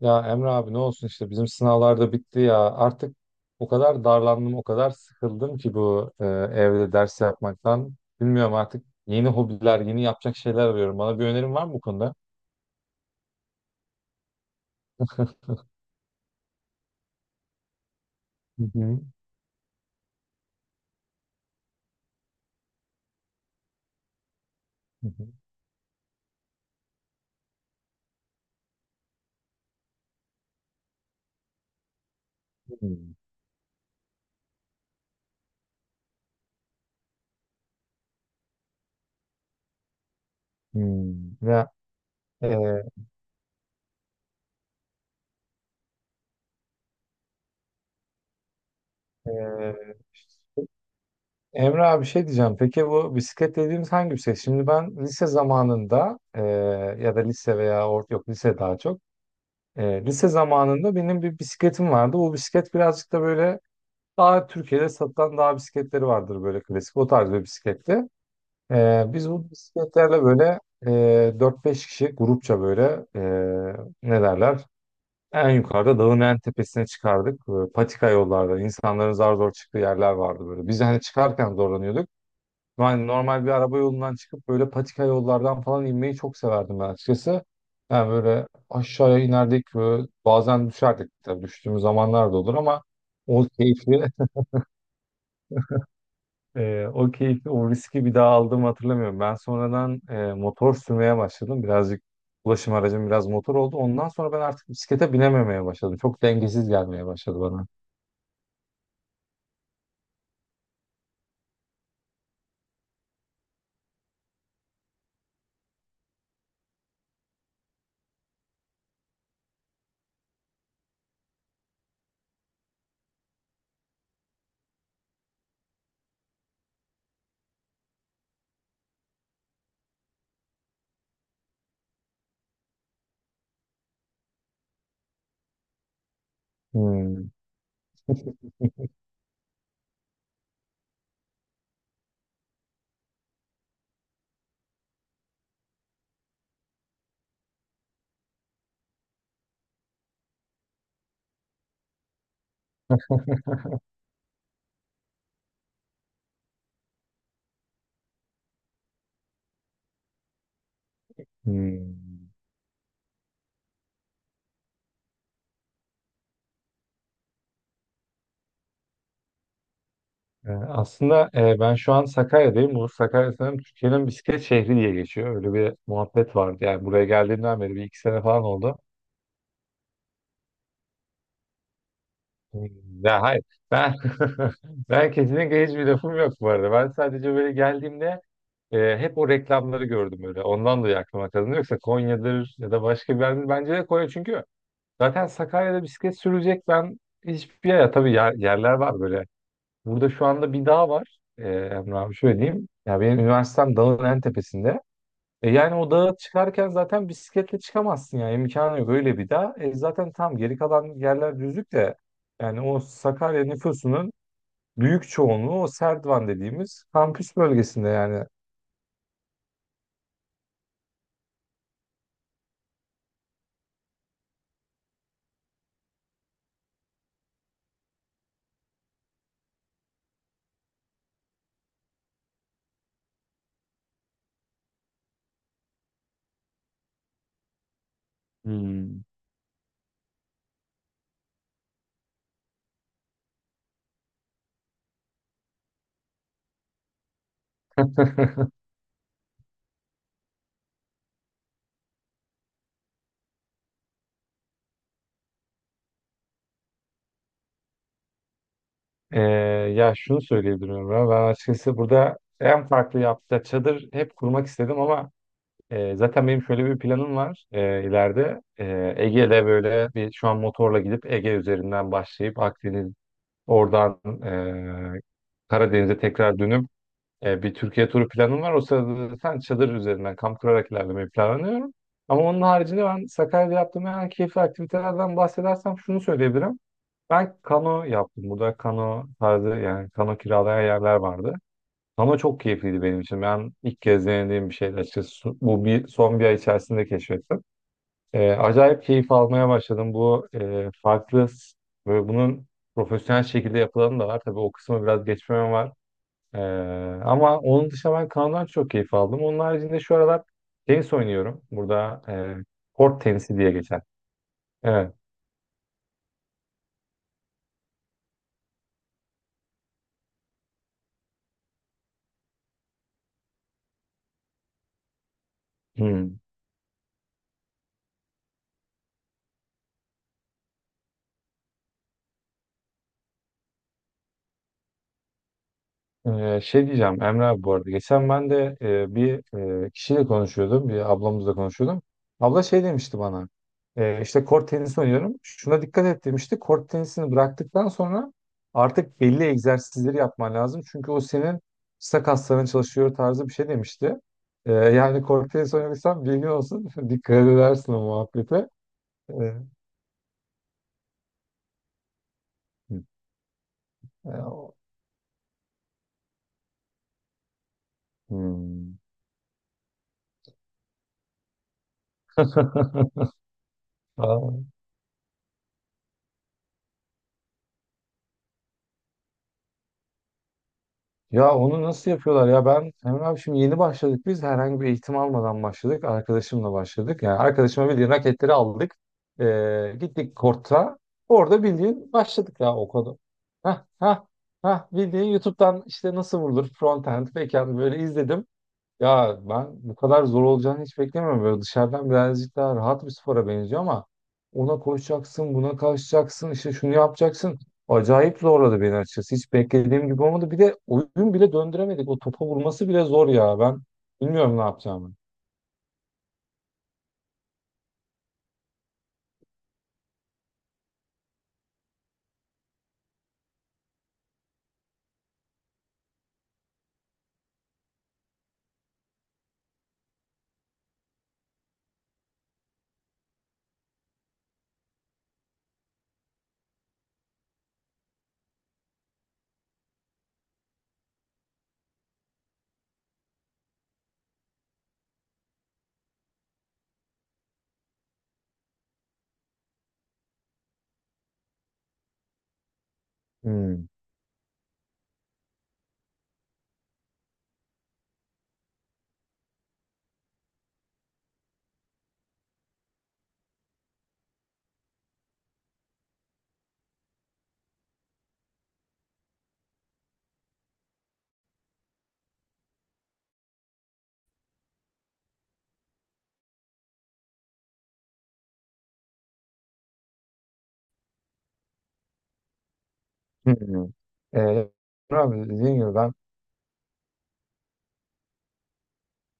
Ya Emre abi ne olsun işte bizim sınavlarda bitti ya. Artık o kadar darlandım, o kadar sıkıldım ki evde ders yapmaktan. Bilmiyorum artık yeni hobiler, yeni yapacak şeyler arıyorum. Bana bir önerin var mı bu konuda? Hı hı. Hı hı. Hmm. Hmm. E, e, Emre abi şey diyeceğim. Peki bu bisiklet dediğimiz hangi bisiklet? Şimdi ben ya da lise veya yok lise daha çok. E, lise zamanında benim bir bisikletim vardı. Bu bisiklet birazcık da böyle daha Türkiye'de satılan dağ bisikletleri vardır böyle klasik. O tarz bir bisikletti. Biz bu bisikletlerle böyle 4-5 kişi grupça böyle e, ne derler? En yukarıda dağın en tepesine çıkardık. Böyle patika yollarda insanların zar zor çıktığı yerler vardı böyle. Biz hani çıkarken zorlanıyorduk. Yani normal bir araba yolundan çıkıp böyle patika yollardan falan inmeyi çok severdim ben açıkçası. Yani böyle aşağıya inerdik böyle bazen düşerdik tabii düştüğümüz zamanlar da olur ama o keyifli. O keyfi, o riski bir daha aldığımı hatırlamıyorum. Ben sonradan motor sürmeye başladım. Birazcık ulaşım aracım biraz motor oldu. Ondan sonra ben artık bisiklete binememeye başladım. Çok dengesiz gelmeye başladı bana. Hmm. Hmm. Ben şu an Sakarya'dayım. Bu Sakarya sanırım Türkiye'nin bisiklet şehri diye geçiyor. Öyle bir muhabbet vardı. Yani buraya geldiğimden beri bir iki sene falan oldu. Hmm. Ya hayır. Ben ben kesinlikle hiçbir lafım yok bu arada. Ben sadece böyle geldiğimde e, hep o reklamları gördüm öyle. Ondan dolayı aklıma kazındı. Yoksa Konya'dır ya da başka bir yerdir. Bence de Konya çünkü zaten Sakarya'da bisiklet sürecek ben hiçbir yer. Tabii yerler var böyle. Burada şu anda bir dağ var. E, Emre abi şöyle diyeyim. Ya benim üniversitem dağın en tepesinde. E, yani o dağa çıkarken zaten bisikletle çıkamazsın ya. İmkanı yok öyle bir dağ. E, zaten tam geri kalan yerler düzlük de yani o Sakarya nüfusunun büyük çoğunluğu o Serdivan dediğimiz kampüs bölgesinde yani. Hmm. Ee, ya şunu söyleyebilirim ben. Ben açıkçası burada en farklı yaptığı çadır hep kurmak istedim ama zaten benim şöyle bir planım var ileride. E, Ege'de böyle bir şu an motorla gidip Ege üzerinden başlayıp Akdeniz oradan e, Karadeniz'e tekrar dönüp, bir Türkiye turu planım var. O sırada zaten çadır üzerinden kamp kurarak ilerlemeyi planlıyorum. Ama onun haricinde ben Sakarya'da yaptığım en keyifli aktivitelerden bahsedersem şunu söyleyebilirim. Ben kano yaptım. Burada kano tarzı yani kano kiralayan yerler vardı. Kano çok keyifliydi benim için. Ben ilk kez denediğim bir şeydi açıkçası. Bu bir, son bir ay içerisinde keşfettim. Acayip keyif almaya başladım. Bu e, farklı s- böyle bunun profesyonel şekilde yapılanı da var. Tabii o kısmı biraz geçmem var. Ee, ama onun dışında ben kanodan çok keyif aldım. Onun haricinde şu aralar tenis oynuyorum. Burada kort tenisi diye geçer. Evet. Hmm. Şey diyeceğim Emre abi bu arada. Geçen ben de bir kişiyle konuşuyordum. Bir ablamızla konuşuyordum. Abla şey demişti bana. E, işte kort tenisi oynuyorum. Şuna dikkat et demişti. Kort tenisini bıraktıktan sonra artık belli egzersizleri yapman lazım. Çünkü o senin sırt kasların çalışıyor tarzı bir şey demişti. E, yani kort tenisi oynuyorsan bilgin olsun. Dikkat edersin o muhabbete. E, e, o- Hmm. Ya onu nasıl yapıyorlar ya ben Emre abi şimdi yeni başladık biz herhangi bir eğitim almadan başladık arkadaşımla başladık yani arkadaşıma bildiğin raketleri aldık. Gittik korta, orada bildiğin başladık ya o kadar. ha ha ha Bildiğin YouTube'dan işte nasıl vurulur, frontend, backend, böyle izledim. Ya ben bu kadar zor olacağını hiç beklemiyorum. Böyle dışarıdan birazcık daha rahat bir spora benziyor ama ona koşacaksın, buna kalkacaksın, işte şunu yapacaksın. Acayip zorladı beni açıkçası. Hiç beklediğim gibi olmadı. Bir de oyun bile döndüremedik. O topa vurması bile zor ya. Ben bilmiyorum ne yapacağımı. Hmm. Hmm. Ee, Emre abi dediğim gibi ben.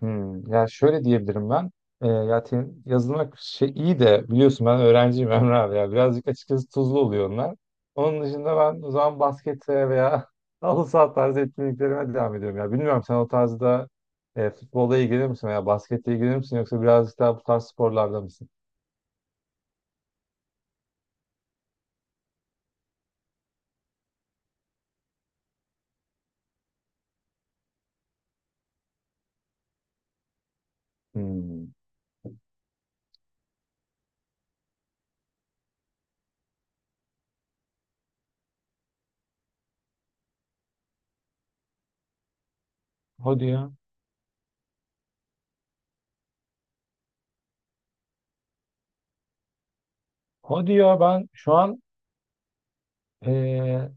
Hmm, ya şöyle diyebilirim ben. Yazılmak şey iyi de biliyorsun ben öğrenciyim. Emre abi ya. Birazcık açıkçası tuzlu oluyor onlar. Onun dışında ben o zaman baskete veya halı saha tarzı etkinliklerime devam ediyorum. Ya bilmiyorum sen o tarzda futbolda ilgilenir misin veya basketle ilgilenir misin yoksa birazcık daha bu tarz sporlarda mısın? Hmm. Hadi ya. Hadi ya ben şu an e,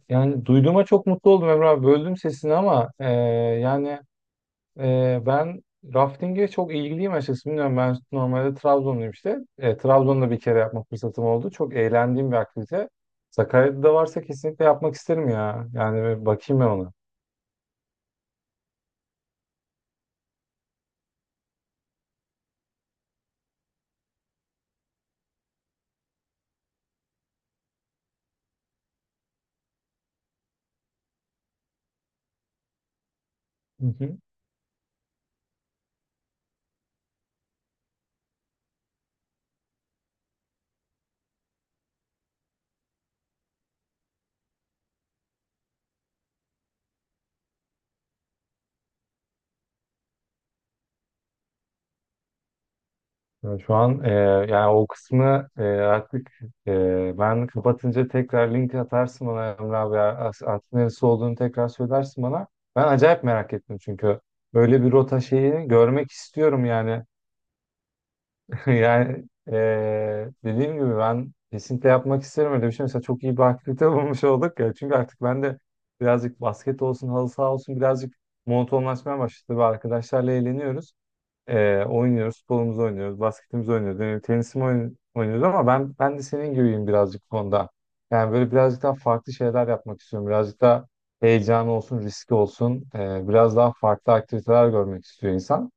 yani duyduğuma çok mutlu oldum Emre abi. Böldüm sesini ama, yani ben rafting'e çok ilgiliyim açıkçası. Bilmiyorum ben normalde Trabzonluyum işte. Trabzon'da bir kere yapma fırsatım oldu. Çok eğlendiğim bir aktivite. Sakarya'da da varsa kesinlikle yapmak isterim ya. Yani bir bakayım ben ona. Hı hı. Ya şu an, yani o kısmı artık, ben kapatınca tekrar link atarsın bana Emre abi ya. Artık neresi olduğunu tekrar söylersin bana. Ben acayip merak ettim çünkü. Böyle bir rota şeyini görmek istiyorum yani. Yani dediğim gibi ben kesinlikle yapmak isterim öyle bir şey. Mesela çok iyi bir aktivite bulmuş olduk ya. Çünkü artık ben de birazcık basket olsun, halı saha olsun birazcık monotonlaşmaya başladı. Ve arkadaşlarla eğleniyoruz. Oynuyoruz, futbolumuzu oynuyoruz, basketimizi oynuyoruz, yani tenisimi oynuyoruz ama ben de senin gibiyim birazcık bu konuda. Yani böyle birazcık daha farklı şeyler yapmak istiyorum. Birazcık daha heyecan olsun, riski olsun. Biraz daha farklı aktiviteler görmek istiyor insan.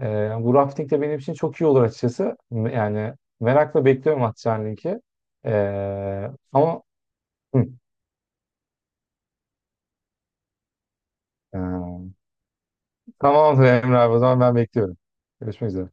Yani bu rafting de benim için çok iyi olur açıkçası. Yani merakla bekliyorum atacağın linki. Ee, ama hı, ee, tamamdır Emre abi o zaman ben bekliyorum. Görüşmek üzere.